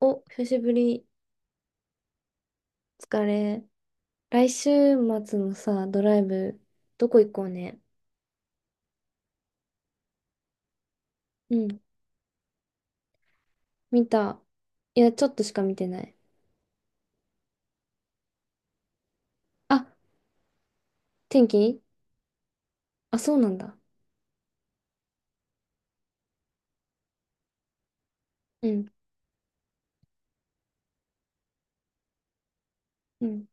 お、久しぶり。疲れ。来週末のさ、ドライブ、どこ行こうね。うん、見た。いや、ちょっとしか見てない。あ、天気。あ、そうなんだ。うん、うん、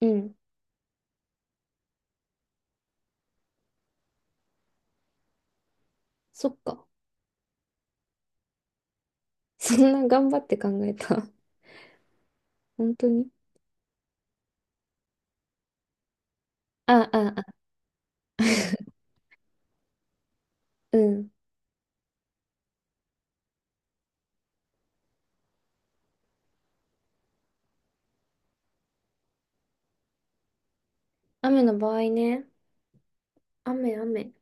うん。そっか。そんな頑張って考えた？本当に。あ、あ、あ、うん。雨の場合ね。雨、雨。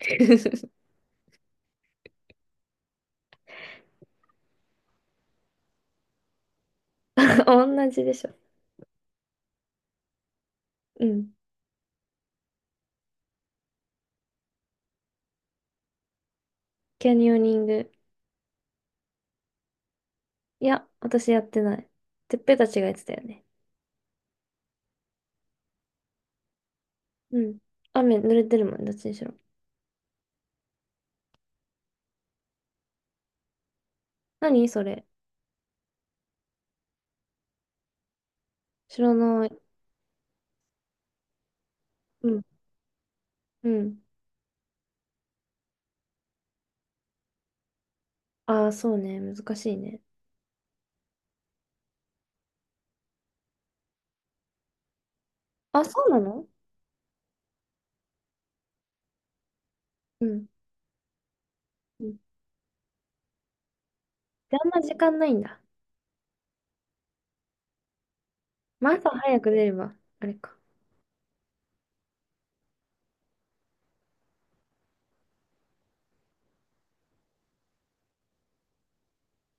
同じでしょ。うん。キャニオニング。いや、私やってない。てっぺたちがやってたよね。うん。雨濡れてるもん、どっちにしろ。何それ？知らない。うん。うん。ああ、そうね。難しいね。あ、そうなの？うん。うんで、ああんま時間ないんだ。まあ、朝早く出れば、あれか。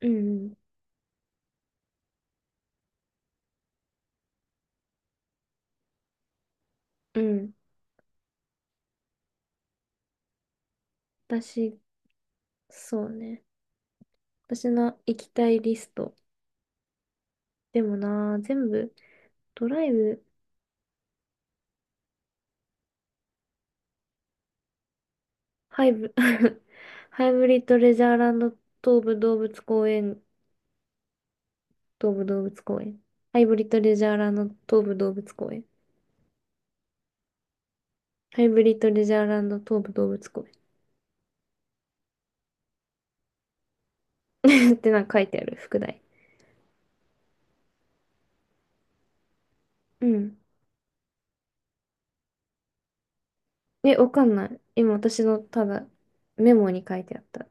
うんうん。うん。私、そうね。私の行きたいリスト。でもな、全部、ドライブ、ハイブ、ハイブリッドレジャーランド東武動物公園、東武動物公園。ハイブリッドレジャーランド東武動物公園。ハイブリッドレジャーランド東武動物公園 ってなんか書いてある、副題。うん。え、わかんない。今私のただメモに書いてあった。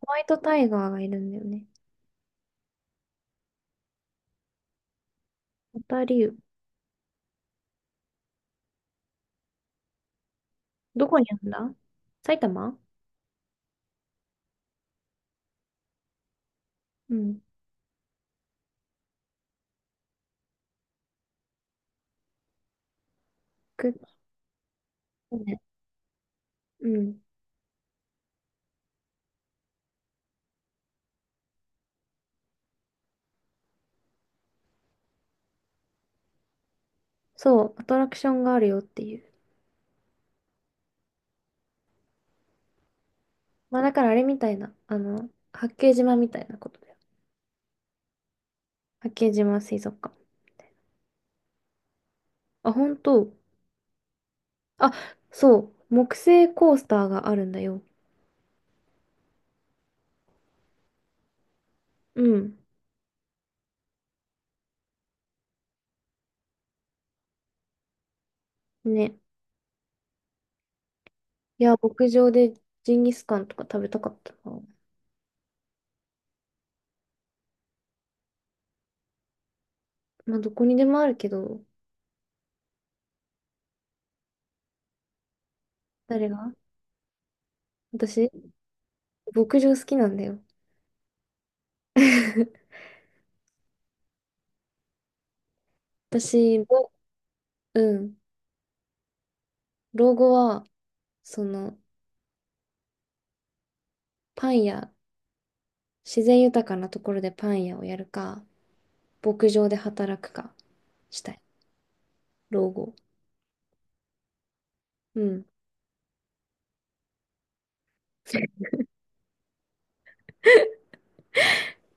ホワイトタイガーがいるんだよね。ホタリウ。どこにあるんだ？埼玉。うん。く、ね。うん。そう、アトラクションがあるよっていう。まあだからあれみたいな。あの、八景島みたいなことだよ。八景島水族館。あ、本当。あ、そう。木製コースターがあるんだよ。うん。ね。いや、牧場でジンギスカンとか食べたかったな。まあ、どこにでもあるけど、誰が？私、牧場好きなんだよ。私、ろ。うん。老後は、その、パン屋、自然豊かなところでパン屋をやるか、牧場で働くかしたい。老後。うん。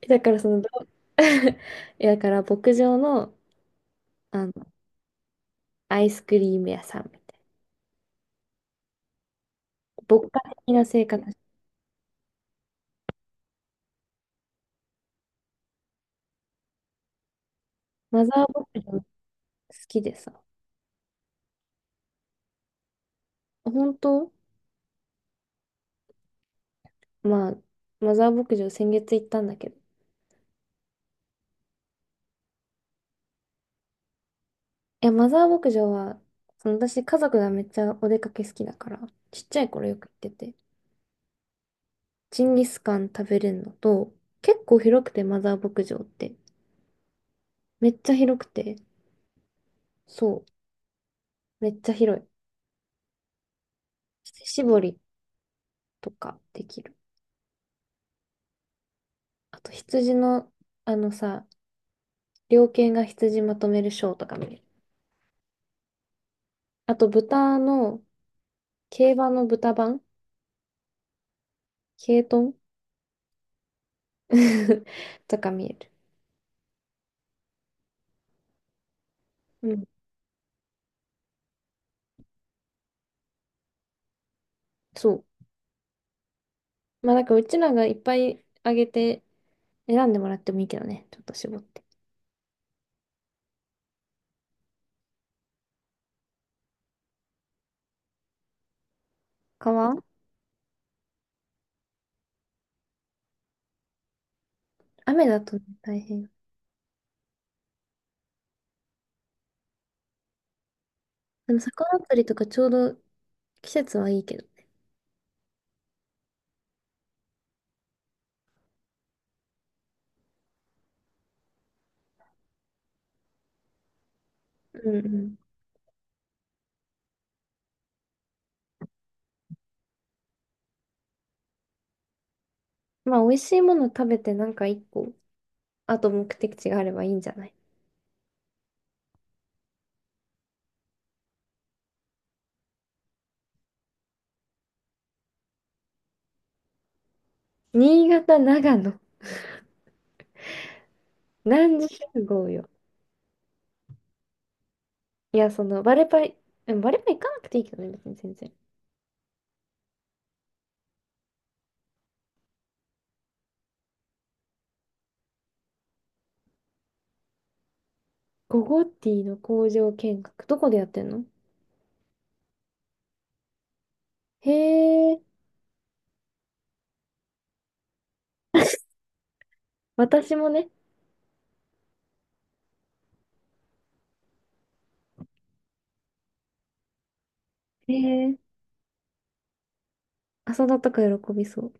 だからその、ど。 いやだから牧場の、あの、アイスクリーム屋さんみたいな。牧歌的な生活。マザー牧場好きでさ。本当？まあ、マザー牧場先月行ったんだけど、いや、マザー牧場は、その私、家族がめっちゃお出かけ好きだから、ちっちゃい頃よく行ってて、ジンギスカン食べれるのと、結構広くて、マザー牧場って。めっちゃ広くて、そう、めっちゃ広い。乳搾りとかできる。あと、羊の、あのさ、猟犬が羊まとめるショーとか見れる。あと、豚の、競馬の豚版ケイトン とか見える。うん、そう。まあ、なんか、うちらがいっぱいあげて、選んでもらってもいいけどね、ちょっと絞って。川、雨だとね大変。でも魚釣りとかちょうど季節はいいけど。うんうん。まあ、美味しいもの食べてなんか一個、あと目的地があればいいんじゃない？新潟、長野。何時集合よ。いや、その、バレパイ、でもバレパイ行かなくていいけどね、別に全然。ゴゴティの工場見学。どこでやってんの？へえ。私もね。へえ。浅田とか喜びそう。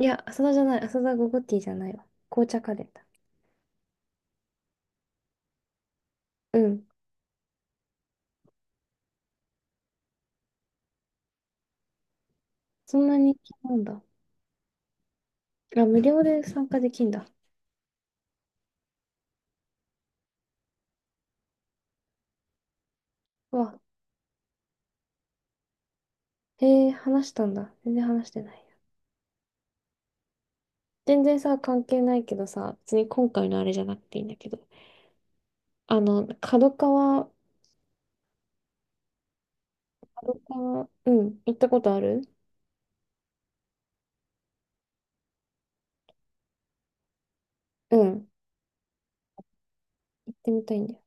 いや、浅田じゃない。浅田ゴゴティじゃないわ。紅茶カレーだ。うん。そんなに気なんだ。あ、無料で参加できんだ。うわ、へえ、話したんだ。全然話してないや。全然さ、関係ないけどさ、別に今回のあれじゃなくていいんだけど。あの、角川、角川、うん、行ったことある？うん、行ってみたいんだよ。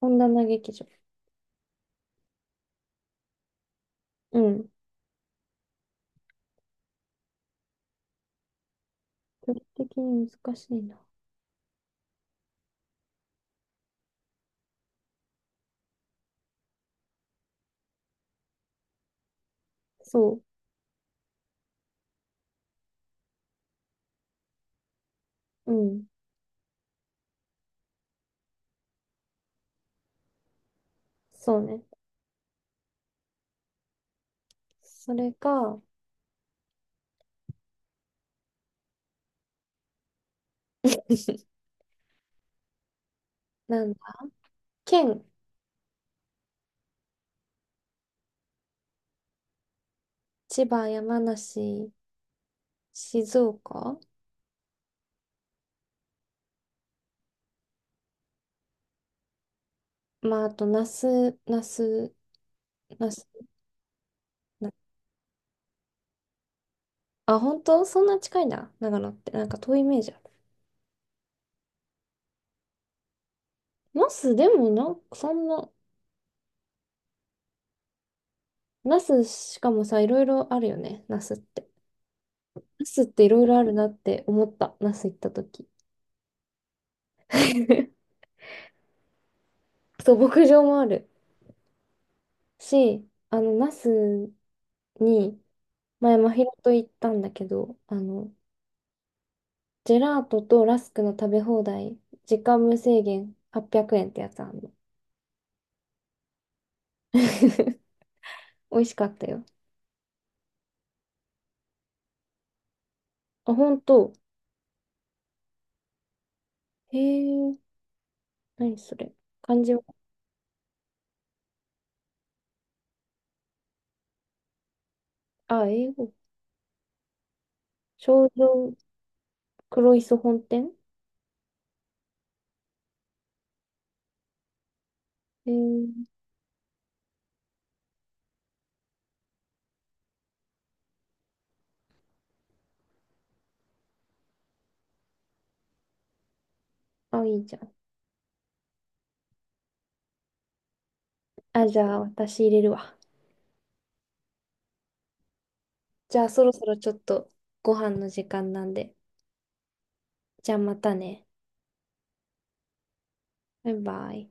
本棚劇場。うん。距離的に難しいな。そう。うん。そうね。それが、なんだ。県、千葉、山梨、静岡。まあ、あと、那須、那須、那須、な。あ、本当そんな近いんだ。長野って。なんか遠いイメージある。那須、でもな、そんな、那須しかもさ、いろいろあるよね。那須って。那須っていろいろあるなって思った。那須行った時。そう、牧場もあるし、あの、那須に、前、真宙と行ったんだけど、あの、ジェラートとラスクの食べ放題、時間無制限800円ってやつあんの。美味しかったよ。あ、本当。へえ、何それ。漢字は、あ、英語。商業黒磯本店。へえ、あ、いいじゃん。あ、じゃあ私入れるわ。じゃあそろそろちょっとご飯の時間なんで。じゃあまたね。バイバイ。